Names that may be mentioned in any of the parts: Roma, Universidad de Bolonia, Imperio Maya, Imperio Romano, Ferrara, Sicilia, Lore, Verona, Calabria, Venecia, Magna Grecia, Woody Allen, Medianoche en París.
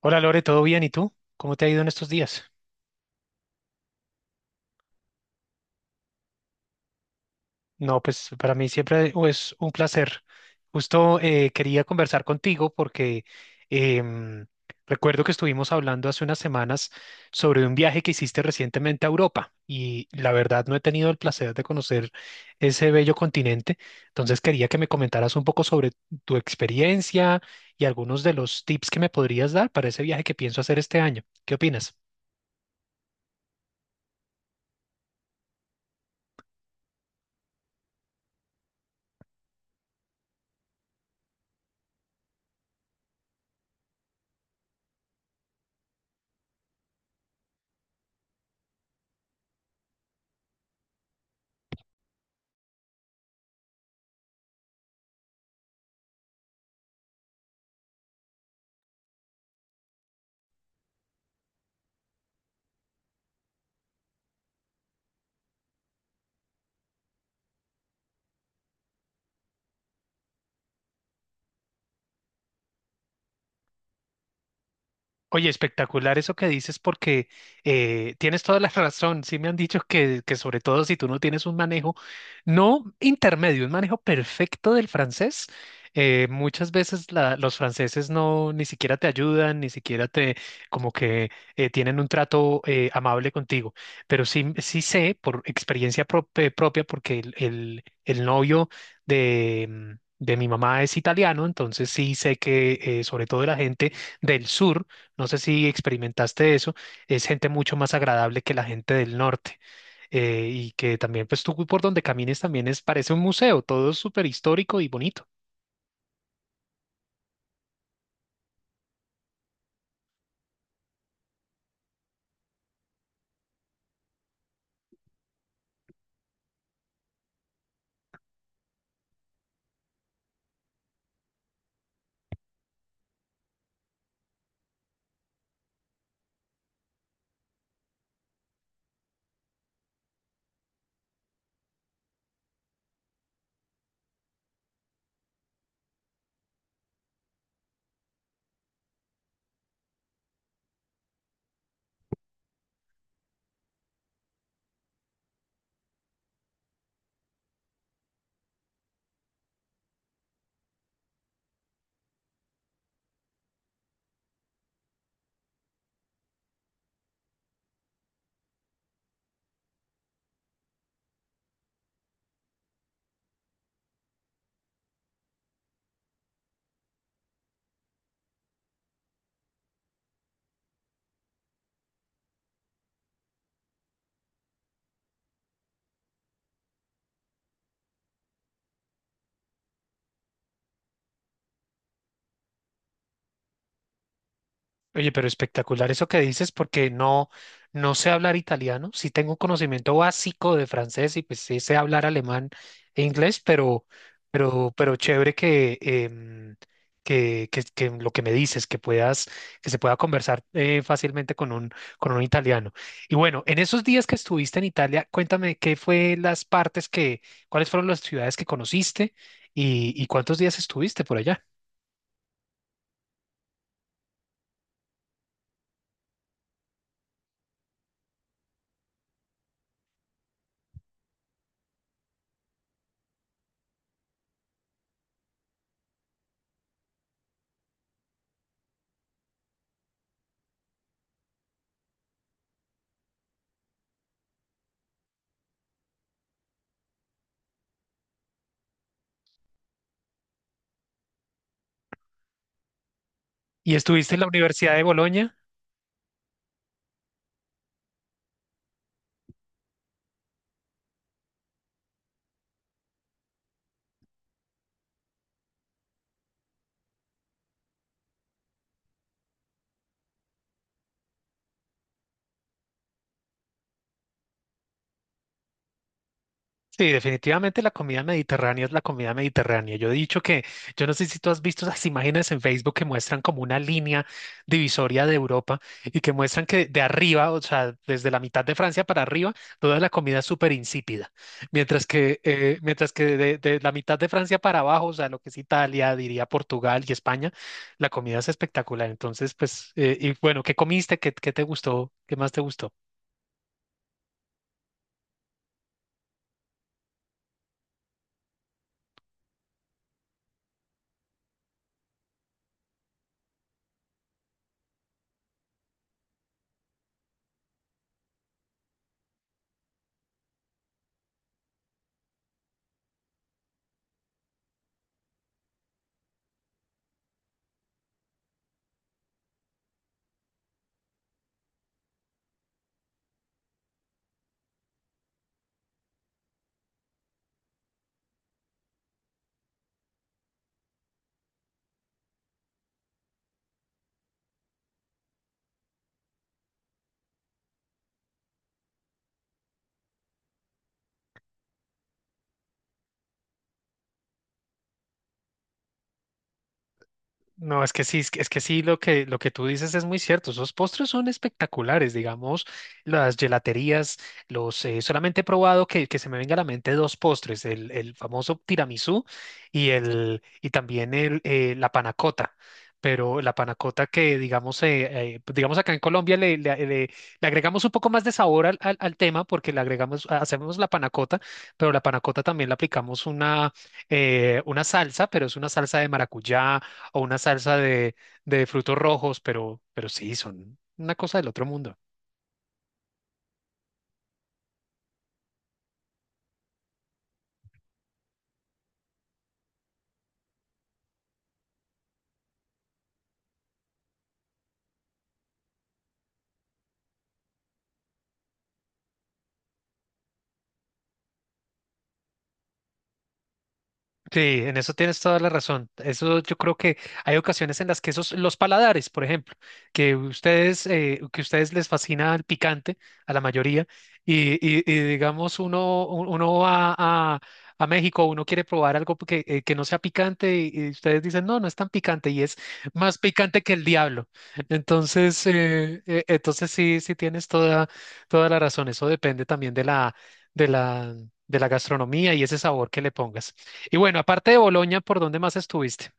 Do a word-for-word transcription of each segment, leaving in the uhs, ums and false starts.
Hola Lore, ¿todo bien? ¿Y tú? ¿Cómo te ha ido en estos días? No, pues para mí siempre uh, es un placer. Justo eh, quería conversar contigo porque em, recuerdo que estuvimos hablando hace unas semanas sobre un viaje que hiciste recientemente a Europa y la verdad no he tenido el placer de conocer ese bello continente. Entonces quería que me comentaras un poco sobre tu experiencia y algunos de los tips que me podrías dar para ese viaje que pienso hacer este año. ¿Qué opinas? Oye, espectacular eso que dices porque eh, tienes toda la razón. Sí me han dicho que, que sobre todo si tú no tienes un manejo, no intermedio, un manejo perfecto del francés, eh, muchas veces la- los franceses no ni siquiera te ayudan, ni siquiera te como que eh, tienen un trato eh, amable contigo. Pero sí, sí sé por experiencia prop- eh, propia porque el, el, el novio de... mm, de mi mamá es italiano, entonces sí sé que eh, sobre todo la gente del sur, no sé si experimentaste eso, es gente mucho más agradable que la gente del norte, eh, y que también pues tú por donde camines también es parece un museo, todo es súper histórico y bonito. Oye, pero espectacular eso que dices, porque no, no sé hablar italiano. Sí tengo un conocimiento básico de francés y pues sí sé hablar alemán e inglés, pero, pero, pero chévere que, em, que, que, que lo que me dices, que puedas, que se pueda conversar eh, fácilmente con un, con un italiano. Y bueno, en esos días que estuviste en Italia, cuéntame qué fue las partes que, cuáles fueron las ciudades que conociste y, y cuántos días estuviste por allá. ¿Y estuviste en la Universidad de Bolonia? Sí, definitivamente la comida mediterránea es la comida mediterránea. Yo he dicho que, yo no sé si tú has visto las imágenes en Facebook que muestran como una línea divisoria de Europa y que muestran que de arriba, o sea, desde la mitad de Francia para arriba, toda la comida es súper insípida. Mientras que, eh, mientras que de, de la mitad de Francia para abajo, o sea, lo que es Italia, diría Portugal y España, la comida es espectacular. Entonces, pues, eh, y bueno, ¿qué comiste? ¿Qué, qué te gustó? ¿Qué más te gustó? No, es que sí, es que es que sí, lo que, lo que tú dices es muy cierto. Esos postres son espectaculares, digamos, las gelaterías, los, eh, solamente he probado que, que se me venga a la mente dos postres, el, el famoso tiramisú y, el, y también el, eh, la panacota. Pero la panacota que, digamos, eh, eh, digamos acá en Colombia le, le- le- le agregamos un poco más de sabor al, al- al tema porque le agregamos, hacemos la panacota, pero la panacota también le aplicamos una, eh, una salsa, pero es una salsa de maracuyá o una salsa de, de frutos rojos, pero, pero sí, son una cosa del otro mundo. Sí, en eso tienes toda la razón. Eso yo creo que hay ocasiones en las que esos, los paladares, por ejemplo, que ustedes, eh, que ustedes les fascina el picante a la mayoría, y, y- y digamos uno, u- uno va a, a México, uno quiere probar algo que, eh, que no sea picante, y, y ustedes dicen, no, no es tan picante, y es más picante que el diablo. Entonces, eh, eh, entonces sí, sí tienes toda, toda la razón. Eso depende también de la, de la, de la gastronomía y ese sabor que le pongas. Y bueno, aparte de Boloña, ¿por dónde más estuviste?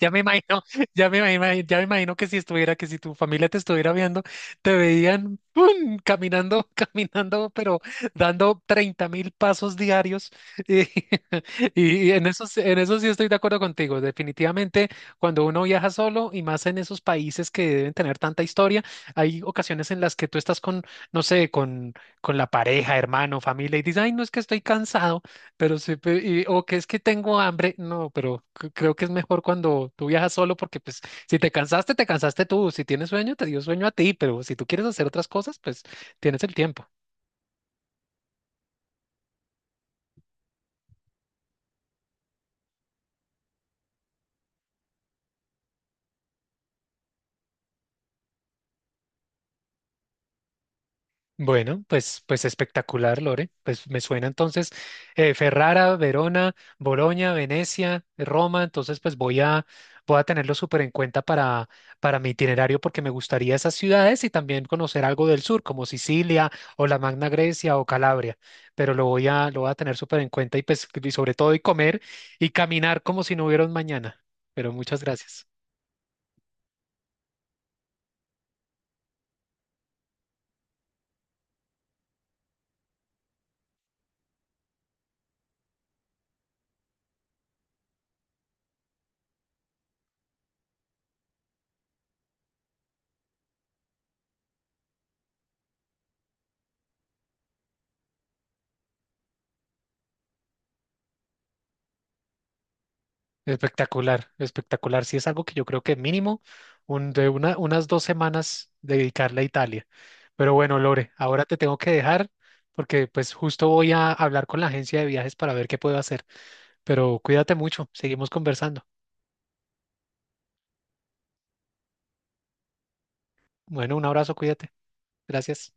Ya me imagino, ya me imagino, ya me imagino que si estuviera, que si tu familia te estuviera viendo, te veían ¡pum! Caminando, caminando, pero dando treinta mil pasos diarios. Y, y en eso, sí- en eso sí estoy de acuerdo contigo. Definitivamente, cuando uno viaja solo y más en esos países que deben tener tanta historia, hay ocasiones en las que tú estás con, no sé, con, con la pareja, hermano, familia, y dices, ay, no es que estoy cansado. Pero sí, pe- y- o que es que tengo hambre, no, pero c- creo que es mejor cuando tú viajas solo porque pues si te cansaste, te cansaste tú, si tienes sueño, te dio sueño a ti, pero si tú quieres hacer otras cosas, pues tienes el tiempo. Bueno, pues, pues espectacular, Lore. Pues me suena entonces eh, Ferrara, Verona, Bolonia, Venecia, Roma. Entonces, pues voy a, voy a tenerlo súper en cuenta para, para mi itinerario porque me gustaría esas ciudades y también conocer algo del sur, como Sicilia o la Magna Grecia o Calabria. Pero lo voy a, lo voy a tener súper en cuenta y pues y sobre todo y comer y caminar como si no hubiera un mañana. Pero muchas gracias. Espectacular, espectacular. Sí, es algo que yo creo que mínimo un- de una- unas dos semanas dedicarle a Italia. Pero bueno, Lore, ahora te tengo que dejar porque pues justo voy a hablar con la agencia de viajes para ver qué puedo hacer. Pero cuídate mucho, seguimos conversando. Bueno, un abrazo, cuídate. Gracias.